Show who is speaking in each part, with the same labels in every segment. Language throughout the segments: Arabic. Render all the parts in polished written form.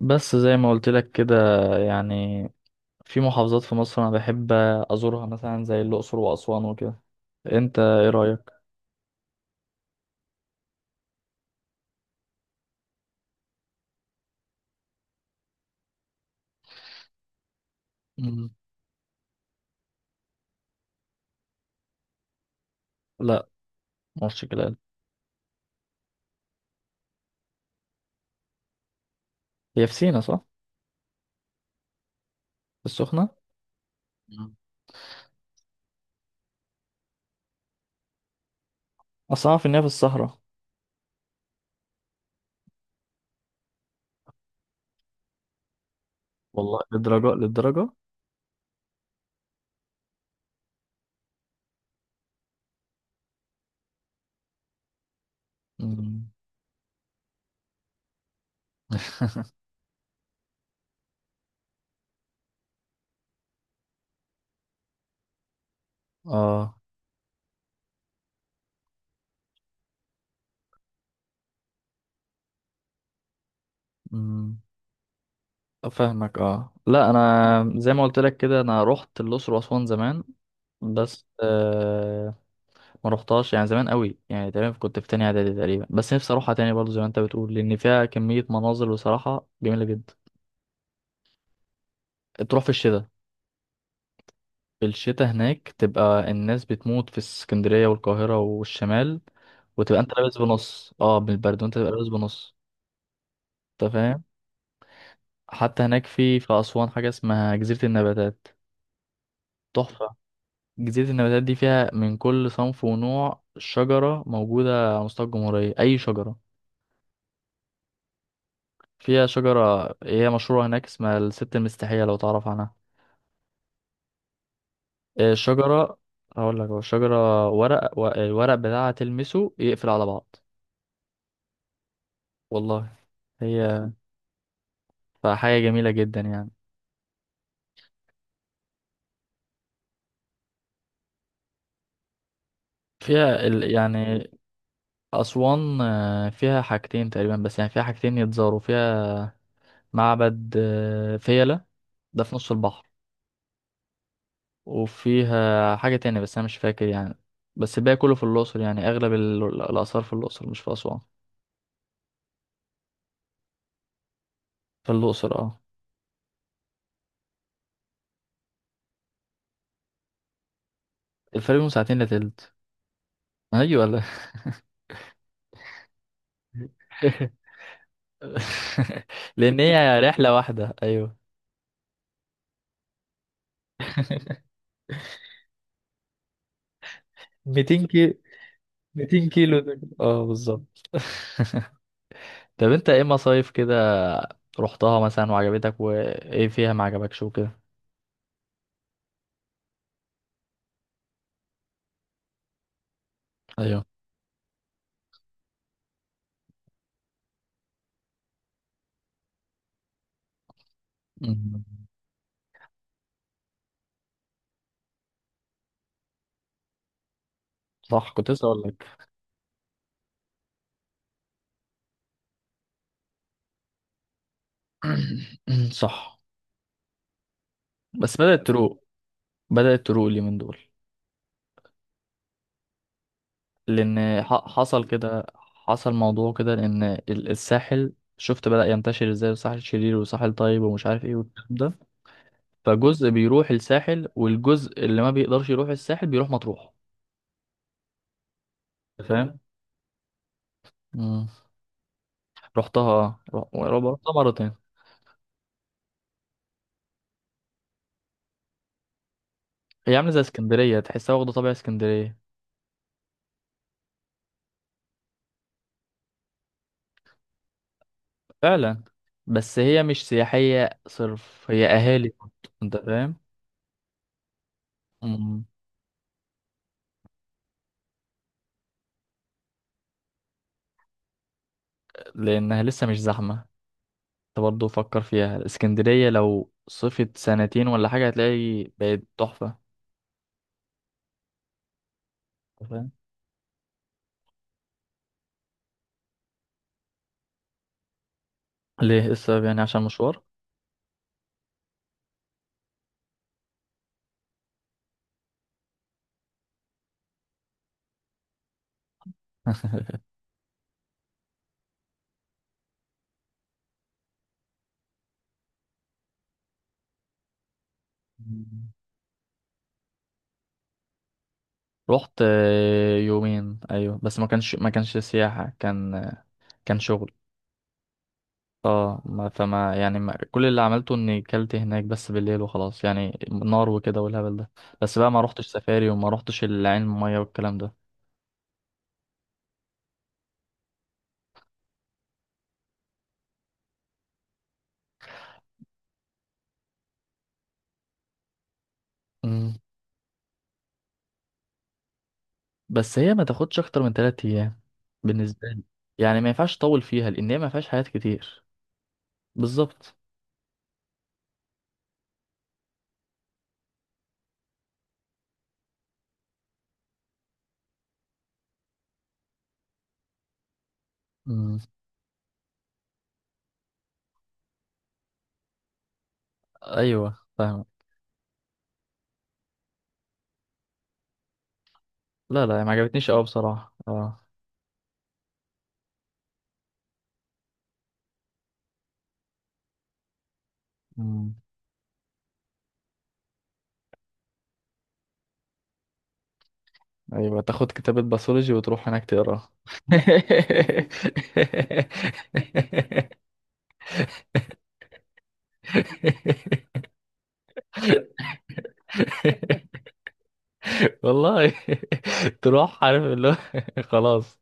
Speaker 1: بس زي ما قلت لك كده، يعني في محافظات في مصر انا بحب ازورها، مثلا زي الاقصر واسوان وكده. انت ايه رايك؟ مم. لا، مرش كده. هي في سينا صح؟ في السخنه. مم. اصلا أعرف ان هي في الصحراء. والله للدرجه للدرجه. مم. اه، امم. فاهمك اه، لا انا زي ما قلت لك كده، انا رحت الاقصر واسوان زمان، بس ما رحتهاش، يعني زمان قوي، يعني تقريبا كنت في تانية اعدادي تقريبا. بس نفسي اروحها تاني برضو زي ما انت بتقول، لان فيها كمية مناظر بصراحة جميلة جدا. تروح في الشتاء. في الشتاء هناك تبقى الناس بتموت في اسكندرية والقاهرة والشمال، وتبقى انت لابس بنص، من البرد، وانت تبقى لابس بنص. انت فاهم؟ حتى هناك في اسوان حاجة اسمها جزيرة النباتات، تحفة. جزيرة النباتات دي فيها من كل صنف ونوع شجرة موجودة على مستوى الجمهورية، أي شجرة. فيها شجرة، إيه هي مشهورة هناك، اسمها الست المستحية، لو تعرف عنها. شجرة، هقول لك. هو شجرة ورق، الورق بتاعها تلمسه يقفل على بعض. والله. هي، فحاجة جميلة جدا يعني. فيها يعني، أسوان فيها حاجتين تقريبا، بس يعني فيها حاجتين يتزاروا فيها. معبد فيلة، ده في نص البحر. وفيها حاجة تانية بس أنا مش فاكر يعني. بس الباقي كله في الأقصر، يعني أغلب الآثار في الأقصر مش في أسوان. في الأقصر اه. الفرق بينهم ساعتين، لا تلت. ايوه ولا؟ لان هي رحله واحده، ايوه. 200 كيلو. 200 كيلو دول، اه بالظبط. طب انت ايه مصايف كده رحتها مثلا وعجبتك، وايه فيها ما عجبكش، وكده؟ ايوه. أمم. صح، كنت لسه اقول لك. صح، بس بدأت تروق. بدأت تروق اليومين دول. لان حصل كده. حصل موضوع كده، لان الساحل شفت بدأ ينتشر ازاي، الساحل شرير وساحل طيب ومش عارف ايه والكلام ده. فجزء بيروح الساحل، والجزء اللي ما بيقدرش يروح الساحل بيروح مطروح. أنت فاهم؟ امم. رحتها آه. رحتها مرتين. هي عامله زي اسكندريه، تحسها واخده طابع اسكندريه. فعلا. بس هي مش سياحيه صرف، هي اهالي. انت فاهم؟ مم. لانها لسه مش زحمه. انت برضه فكر فيها، الاسكندرية لو صفت سنتين ولا حاجة هتلاقي بقت تحفة. أنت فاهم؟ ليه، إيه السبب، يعني عشان مشوار؟ مم. رحت يومين ايوه، بس ما كانش سياحة، كان كان شغل. اه، ما فما يعني، ما كل اللي عملته اني كلت هناك بس بالليل وخلاص، يعني نار وكده والهبل ده. بس بقى ما روحتش سفاري وما روحتش العين المية والكلام ده. مم. بس هي ما تاخدش اكتر من 3 ايام بالنسبة لي. يعني ما ينفعش تطول فيها لان هي ما فيهاش حاجات كتير. بالظبط. مم. ايوه فاهم. لا، لا ما عجبتنيش قوي بصراحه، اه. مم. ايوه تاخد كتابة باثولوجي وتروح هناك تقراها. والله، تروح عارف اللي هو. خلاص.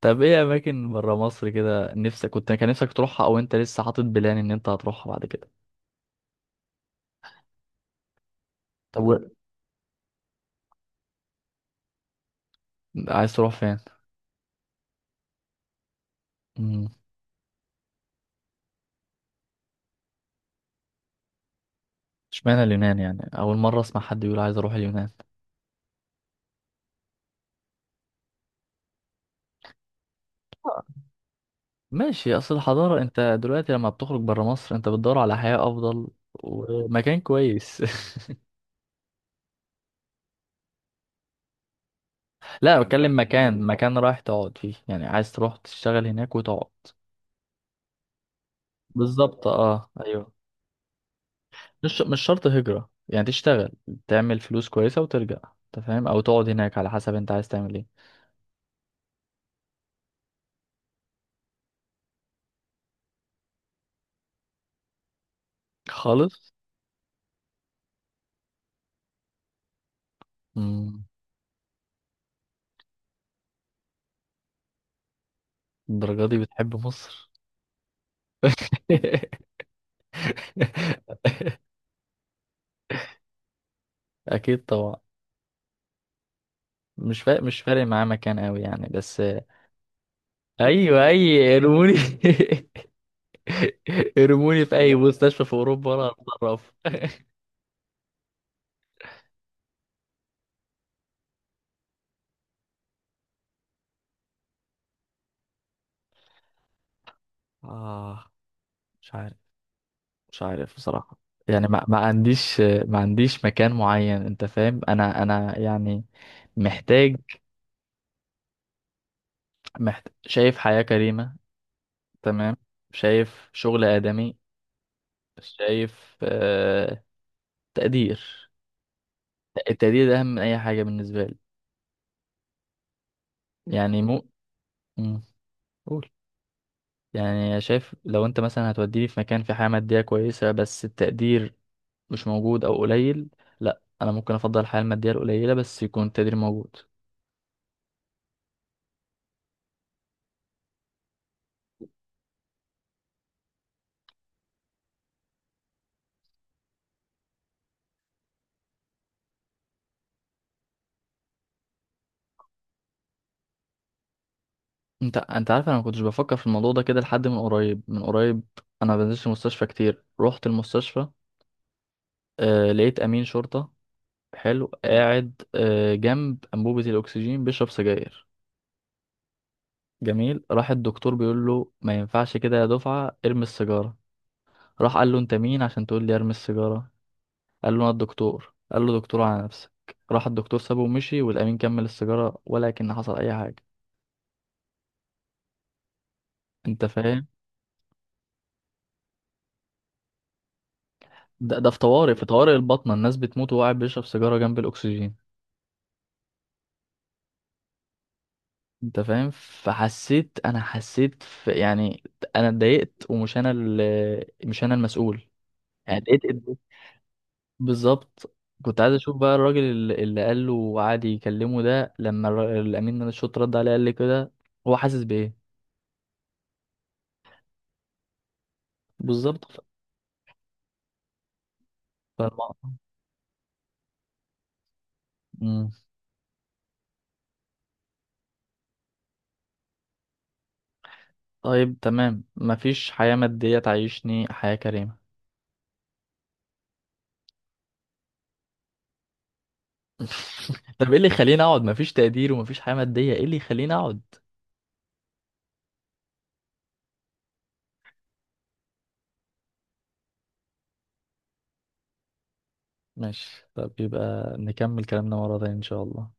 Speaker 1: طب ايه اماكن برا مصر كده نفسك، كان نفسك تروحها او انت لسه حاطط بلان ان انت هتروحها بعد كده؟ طب عايز تروح فين؟ امم. اشمعنى اليونان؟ يعني اول مره اسمع حد يقول عايز اروح اليونان. ماشي، اصل الحضارة. انت دلوقتي لما بتخرج برا مصر انت بتدور على حياة افضل ومكان كويس. لا انت بتكلم مكان رايح تقعد فيه، يعني عايز تروح تشتغل هناك وتقعد. بالظبط اه، ايوه. مش شرط هجرة، يعني تشتغل، تعمل فلوس كويسة وترجع. انت فاهم؟ او تقعد هناك على حسب انت عايز تعمل ايه. خالص. امم. الدرجة دي بتحب مصر؟ اكيد طبعا. مش فارق معاه مكان قوي يعني، بس ايوه اي قرموني. ارموني في اي مستشفى في اوروبا انا هتصرف. اه مش عارف، مش عارف بصراحة. يعني ما عنديش، ما عنديش مكان معين. انت فاهم؟ انا يعني محتاج، شايف حياة كريمة، تمام. شايف شغل آدمي. شايف تقدير. التقدير ده اهم من اي حاجة بالنسبة لي. يعني مم، قول. يعني شايف لو انت مثلا هتوديني في مكان في حياة مادية كويسة بس التقدير مش موجود او قليل، لا انا ممكن افضل الحياه الماديه القليله بس يكون التقدير موجود. انت عارف، انا ما كنتش بفكر في الموضوع ده كده لحد من قريب، من قريب. انا ما بنزلش المستشفى كتير. رحت المستشفى، آه لقيت امين شرطه حلو قاعد جنب انبوبه الاكسجين بيشرب سجاير. جميل، راح الدكتور بيقول له ما ينفعش كده يا دفعه، ارمي السيجاره. راح قال له انت مين عشان تقول لي ارمي السيجاره، قال له انا الدكتور، قال له دكتور على نفسك. راح الدكتور سابه ومشي والأمين كمل السيجارة، ولكن حصل أي حاجة. انت فاهم؟ ده في طوارئ، في طوارئ البطنه الناس بتموت وهو قاعد بيشرب سيجاره جنب الاكسجين. انت فاهم؟ فحسيت، انا حسيت في يعني، انا اتضايقت ومش انا مش انا المسؤول. يعني اتضايقت اتضايقت. بالظبط. كنت عايز اشوف بقى الراجل اللي قال له وقعد يكلمه ده، لما الامين من الشرطه رد عليه قال لي كده، هو حاسس بايه. بالظبط فالم... مم. طيب تمام، مفيش حياه ماديه تعيشني حياه كريمه. طب ايه اللي يخليني اقعد مفيش تقدير ومفيش حياة مادية، ايه اللي يخليني اقعد. ماشي، طب يبقى نكمل كلامنا مرة تانية ان شاء الله.